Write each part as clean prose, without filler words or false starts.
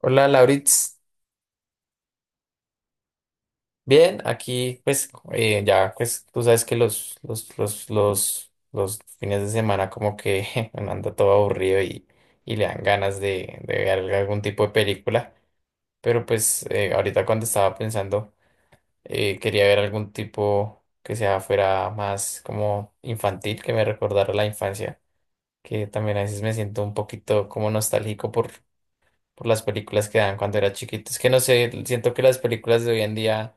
Hola, Lauritz. Bien, aquí pues ya pues tú sabes que los fines de semana como que uno anda todo aburrido y le dan ganas de ver algún tipo de película. Pero pues ahorita cuando estaba pensando quería ver algún tipo que sea fuera más como infantil, que me recordara la infancia, que también a veces me siento un poquito como nostálgico por las películas que dan cuando era chiquito. Es que no sé, siento que las películas de hoy en día.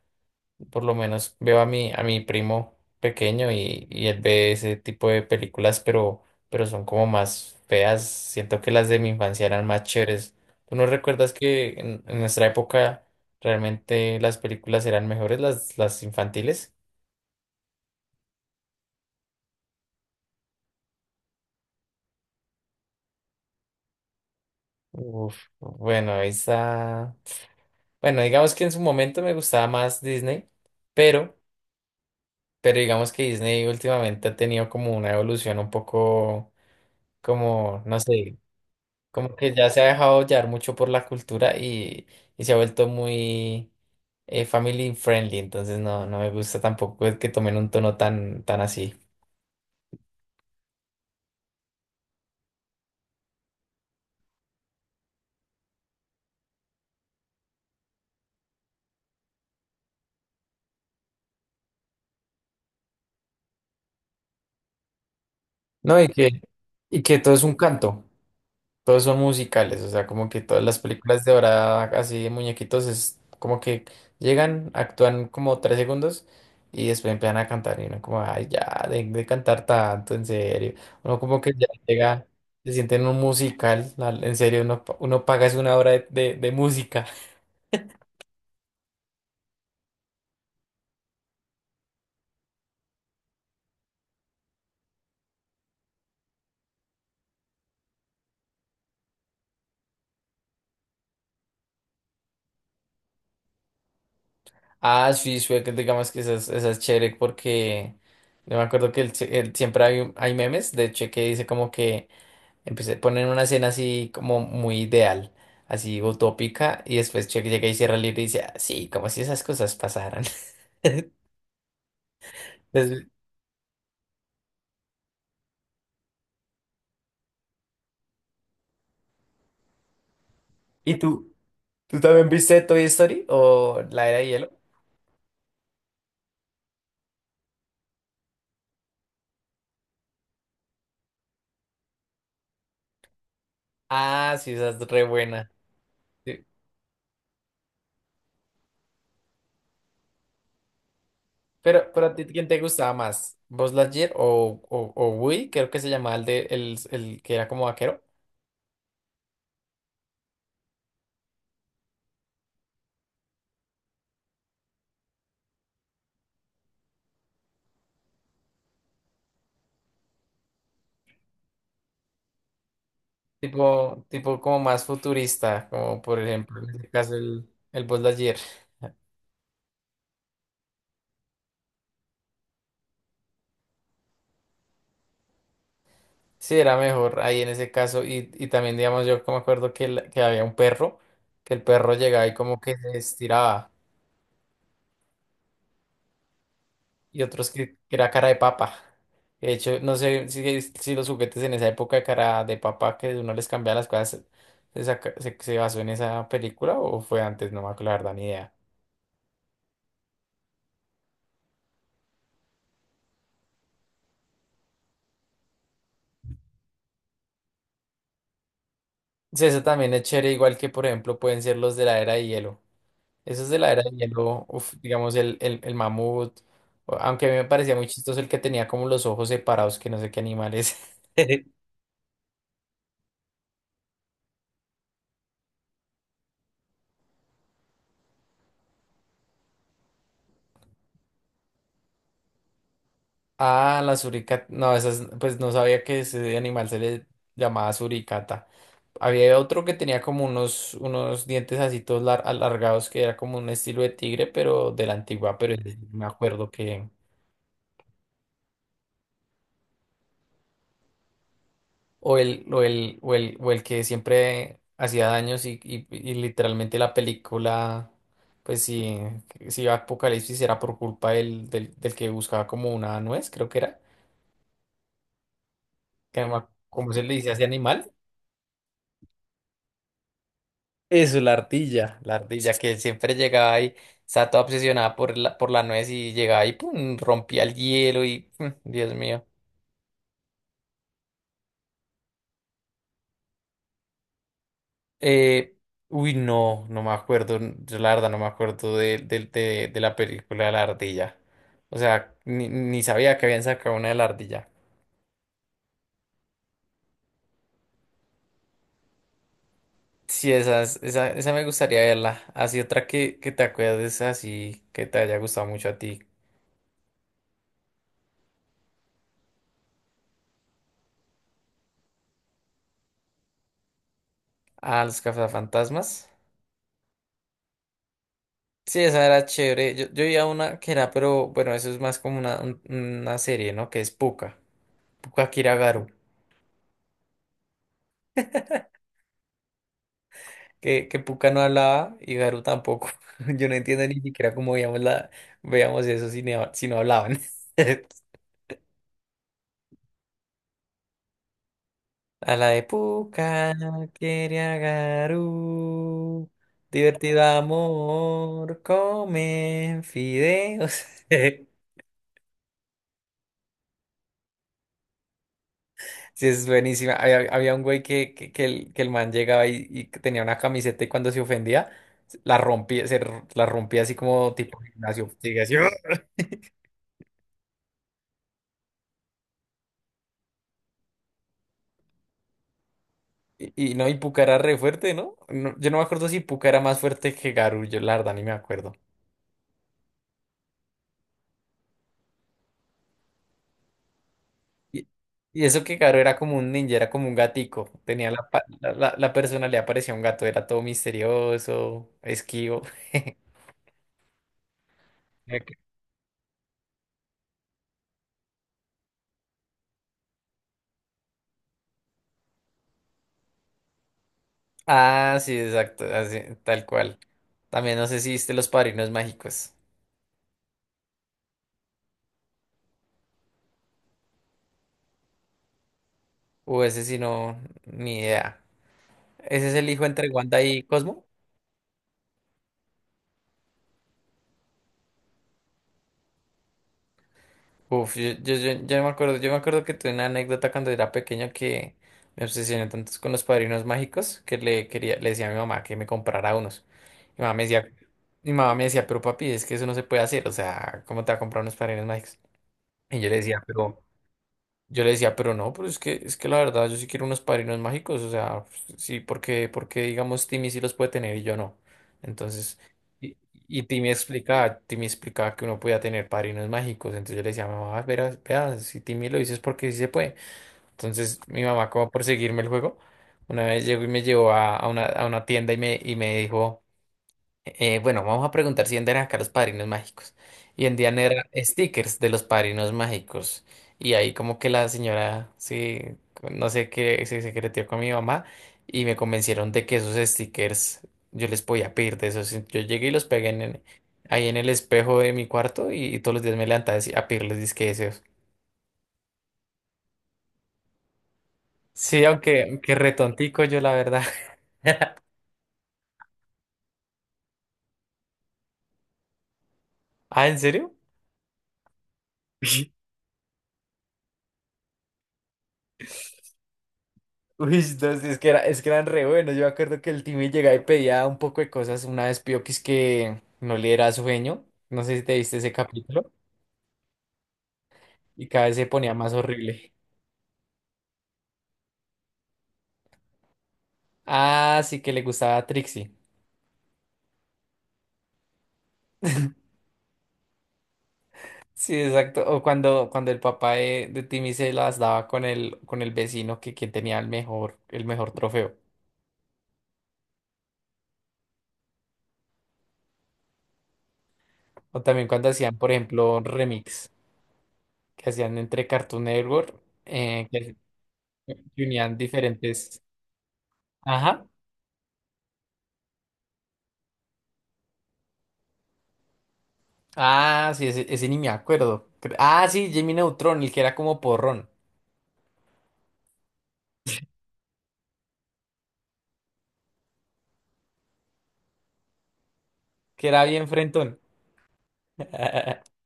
Por lo menos veo a mi primo pequeño y él ve ese tipo de películas, pero son como más feas. Siento que las de mi infancia eran más chéveres. ¿Tú no recuerdas que en nuestra época realmente las películas eran mejores, las infantiles? Uf, bueno, esa... Bueno, digamos que en su momento me gustaba más Disney, pero, pero digamos que Disney últimamente ha tenido como una evolución un poco como, no sé. Como que ya se ha dejado llevar mucho por la cultura y se ha vuelto muy family friendly, entonces no, no me gusta tampoco el que tomen un tono tan, tan así. No, y que todo es un canto. Todos son musicales, o sea, como que todas las películas de ahora, así de muñequitos, es como que llegan, actúan como 3 segundos y después empiezan a cantar. Y uno, como, ay, ya, de cantar tanto, en serio. Uno, como que ya llega, se siente en un musical, en serio, uno, uno paga es una hora de música. Ah, sí, sí, que digamos que esa es chévere porque yo me acuerdo que siempre hay memes, de hecho, que dice como que. Empecé, ponen una escena así como muy ideal, así utópica, y después Chuck llega y cierra el libro y dice, "Ah, sí, como si esas cosas pasaran." Entonces, ¿y tú? ¿Tú también viste Toy Story o La Era de Hielo? Ah, sí, esa es re buena. Sí. Pero a ti, ¿quién te gustaba más? ¿Buzz Lightyear o Woody? Creo que se llamaba el que era como vaquero. Tipo, tipo como más futurista, como por ejemplo, en este caso el Buzz Lightyear. Sí, era mejor ahí en ese caso. Y también, digamos, yo como me acuerdo que había un perro, que el perro llegaba y como que se estiraba, y otros que era cara de papa. De hecho, no sé si los juguetes en esa época de cara de papa, que uno les cambiaba las cosas, se basó en esa película o fue antes, no me acuerdo, la verdad, ni idea. Sí, eso también es chévere, igual que, por ejemplo, pueden ser los de la era de hielo. Eso es de la era de hielo, uf, digamos el mamut, o- aunque a mí me parecía muy chistoso el que tenía como los ojos separados, que no sé qué animal es. Ah, la suricata, no, esas, pues no sabía que ese animal se le llamaba suricata. Había otro que tenía como unos dientes así todos alargados, que era como un estilo de tigre, pero de la antigua, pero ese sí no me acuerdo que... O o el que siempre hacía daños y y- literalmente la película, pues si, si iba a Apocalipsis era por culpa del que buscaba como una nuez, creo que era, que no ¿cómo se le dice a ese animal? Eso, la ardilla. La ardilla que siempre llegaba y estaba toda obsesionada por por la nuez y llegaba y pum, rompía el hielo y, mm, Dios mío. Eh, Uy, no, no me acuerdo, yo la verdad no me acuerdo de la película de la ardilla. O sea, ni, ni sabía que habían sacado una de la ardilla. Sí, esa me gustaría verla. Así otra que te acuerdes así, que te haya gustado mucho a ti. A los cazafantasmas. Sí, esa era chévere. Yo vi a una que era, pero bueno, eso es más como una, una serie, ¿no? Que es Puka. Puka Kiragaru. Que Puka no hablaba y Garu tampoco. Yo no entiendo ni siquiera cómo veíamos eso si no, si no hablaban. A la de Puka quiere a Garu, divertido amor, comen fideos. Sí, es buenísima. Había un güey que el man llegaba y que tenía una camiseta y cuando se ofendía, la rompía, la rompía así como tipo gimnasio. Sí, así. Y no, y Pucará re fuerte, ¿no? No, yo no me acuerdo si Pucará era más fuerte que Garú, yo la verdad ni me acuerdo. Y, y eso que Garú era como un ninja, era como un gatico, tenía la, pa- la- la personalidad parecía un gato, era todo misterioso, esquivo. Ok. Ah, sí, exacto, así, tal cual. También no sé si viste Los Padrinos Mágicos. O ese sí no, ni idea. Ese es el hijo entre Wanda y Cosmo. Uf, yo no me acuerdo, yo me acuerdo que tuve una anécdota cuando era pequeño que me obsesioné tanto con los padrinos mágicos que le quería, le decía a mi mamá que me comprara unos. Mi mamá me decía, Mi mamá me decía, pero papi, es que eso no se puede hacer, o sea, ¿cómo te va a comprar unos padrinos mágicos? Y yo le decía, pero yo le decía, pero no, pero es que la verdad, yo sí quiero unos padrinos mágicos, o sea, pues, sí, porque, porque digamos, Timmy sí los puede tener y yo no. Entonces, y, y Timmy explicaba que uno podía tener padrinos mágicos, entonces yo le decía, mamá, verás, vea, si Timmy lo dice es porque sí se puede. Entonces, mi mamá, como por seguirme el juego, una vez llegó y me llevó a una tienda y me dijo... bueno, vamos a preguntar si antes eran acá los padrinos mágicos. Y en Diana eran stickers de los padrinos mágicos. Y ahí como que la señora, sí, no sé qué, se secretió con mi mamá y me convencieron de que esos stickers yo les podía pedir de esos. Yo llegué y los pegué en, ahí en el espejo de mi cuarto y, todos los días me levantaba a pedirles disque deseos. Sí, aunque, aunque retontico yo la verdad. Ah, ¿en serio? Uy, entonces es que, era, es que eran re buenos. Yo me acuerdo que el Timmy llegaba y pedía un poco de cosas. Una vez pidió que es que no le era sueño. No sé si te viste ese capítulo. Y cada vez se ponía más horrible. Ah, sí que le gustaba a Trixie. Sí, exacto. O cuando, cuando el papá de Timmy se las daba con el vecino que quien tenía el mejor trofeo. O también cuando hacían, por ejemplo, remix que hacían entre Cartoon Network, eh, que que unían diferentes. Ajá. Ah, sí, ese ni me acuerdo. Cre- Ah, sí, Jimmy Neutron, el que era como porrón, que era bien frentón.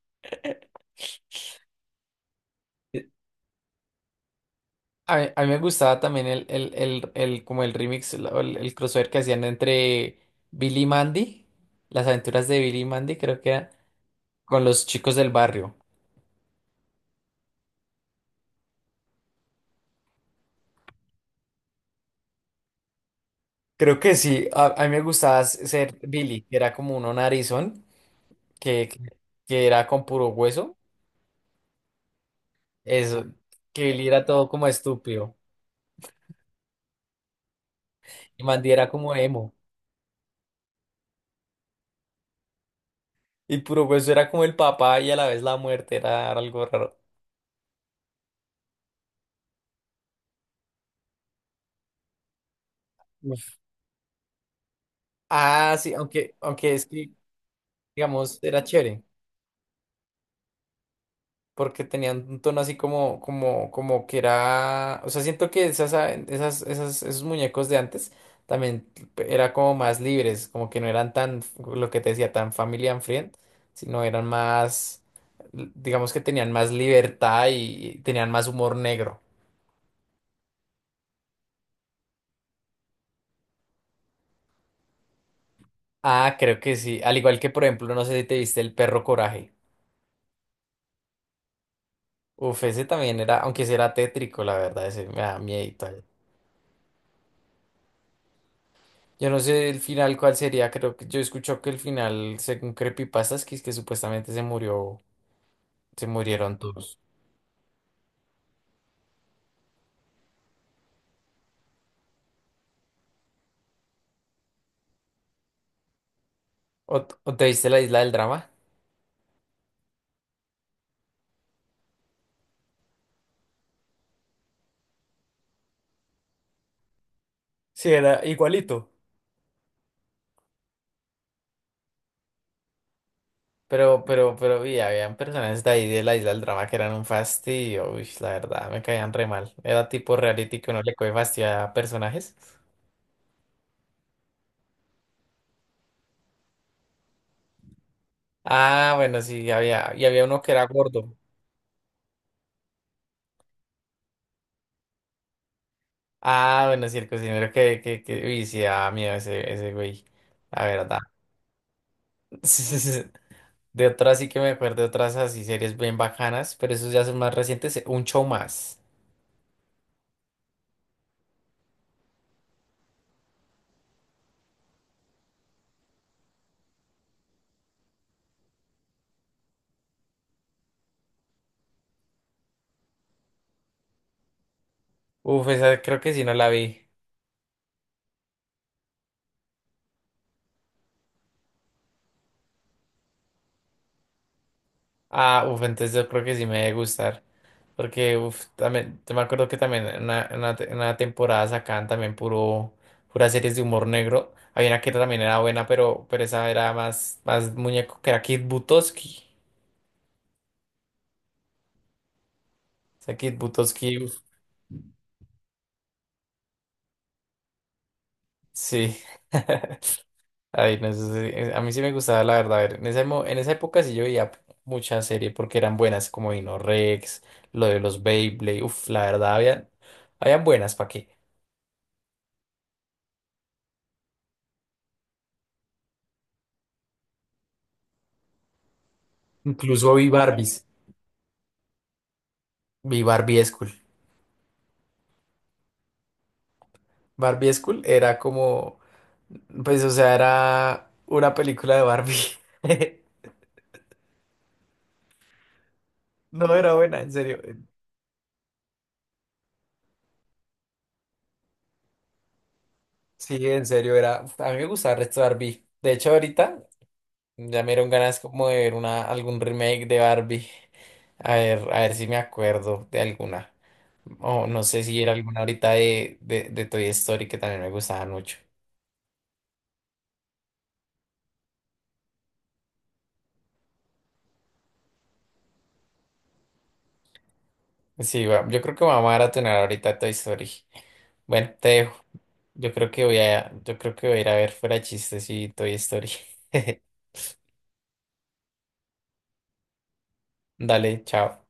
A mí me gustaba también como el remix, el crossover que hacían entre Billy y Mandy, las aventuras de Billy y Mandy, creo que era, con los chicos del barrio. Creo que sí, a mí me gustaba ser Billy, que era como uno narizón, que, que que era con puro hueso. Eso, que Billy era todo como estúpido y Mandy era como emo. Y puro hueso era como el papá y a la vez la muerte, era algo raro. Uf. Ah, sí, aunque, aunque es que, digamos, era chévere, porque tenían un tono así como, como, como que era, o sea, siento que esas, a- esas, esas, esos muñecos de antes también era como más libres, como que no eran tan, lo que te decía, tan family and friend, sino eran más, digamos que tenían más libertad y tenían más humor negro. Ah, creo que sí, al igual que, por ejemplo, no sé si te viste El Perro Coraje. Uf, ese también era, aunque ese era tétrico, la verdad, ese me da miedo y tal. Yo no sé el final cuál sería, creo que yo escucho que el final, según Creepypastas, que es que supuestamente se murió, se murieron todos. ¿O, o te viste la isla del drama? Sí, era igualito. Pero y habían personas de ahí de la isla del drama que eran un fastidio, uy, la verdad, me caían re mal. Era tipo reality que uno le coge fastidio a personajes. Ah, bueno, sí, había, y había uno que era gordo. Ah, bueno, sí, el cocinero que, uy, sí, ah, miedo ese, ese güey, la verdad. De otras sí que me acuerdo, de otras así series bien bacanas, pero esos ya son más recientes, un show más. Uf, esa creo que sí no la vi. Ah, uf, entonces yo creo que sí me debe gustar, porque uf, también, yo me acuerdo que también en una, en una temporada sacaban también puras series de humor negro. Había una que también era buena, pero esa era más, más muñeco, que era Kid Buttowski. O sea, Kid Butowski. Sí. Ay, no sé, a mí sí me gustaba, la verdad. A ver, en esa época sí yo veía muchas series porque eran buenas, como Dino Rex, lo de los Beyblade. Uf, la verdad, habían buenas, ¿para qué? Incluso vi Barbies. Vi Barbie School. Barbie School era como. Pues, o sea, era una película de Barbie. No era buena, en serio. Sí, en serio, era. A mí me gustaba el resto de Barbie. De hecho, ahorita. Ya me dieron ganas como de ver una, algún remake de Barbie. A ver si me acuerdo de alguna. O no sé si era alguna ahorita de Toy Story que también me gustaban mucho. Sí, yo creo que vamos a maratonear ahorita Toy Story. Bueno, te dejo. Yo creo que voy a ir a ver fuera de chistes y Toy Story. Dale, chao.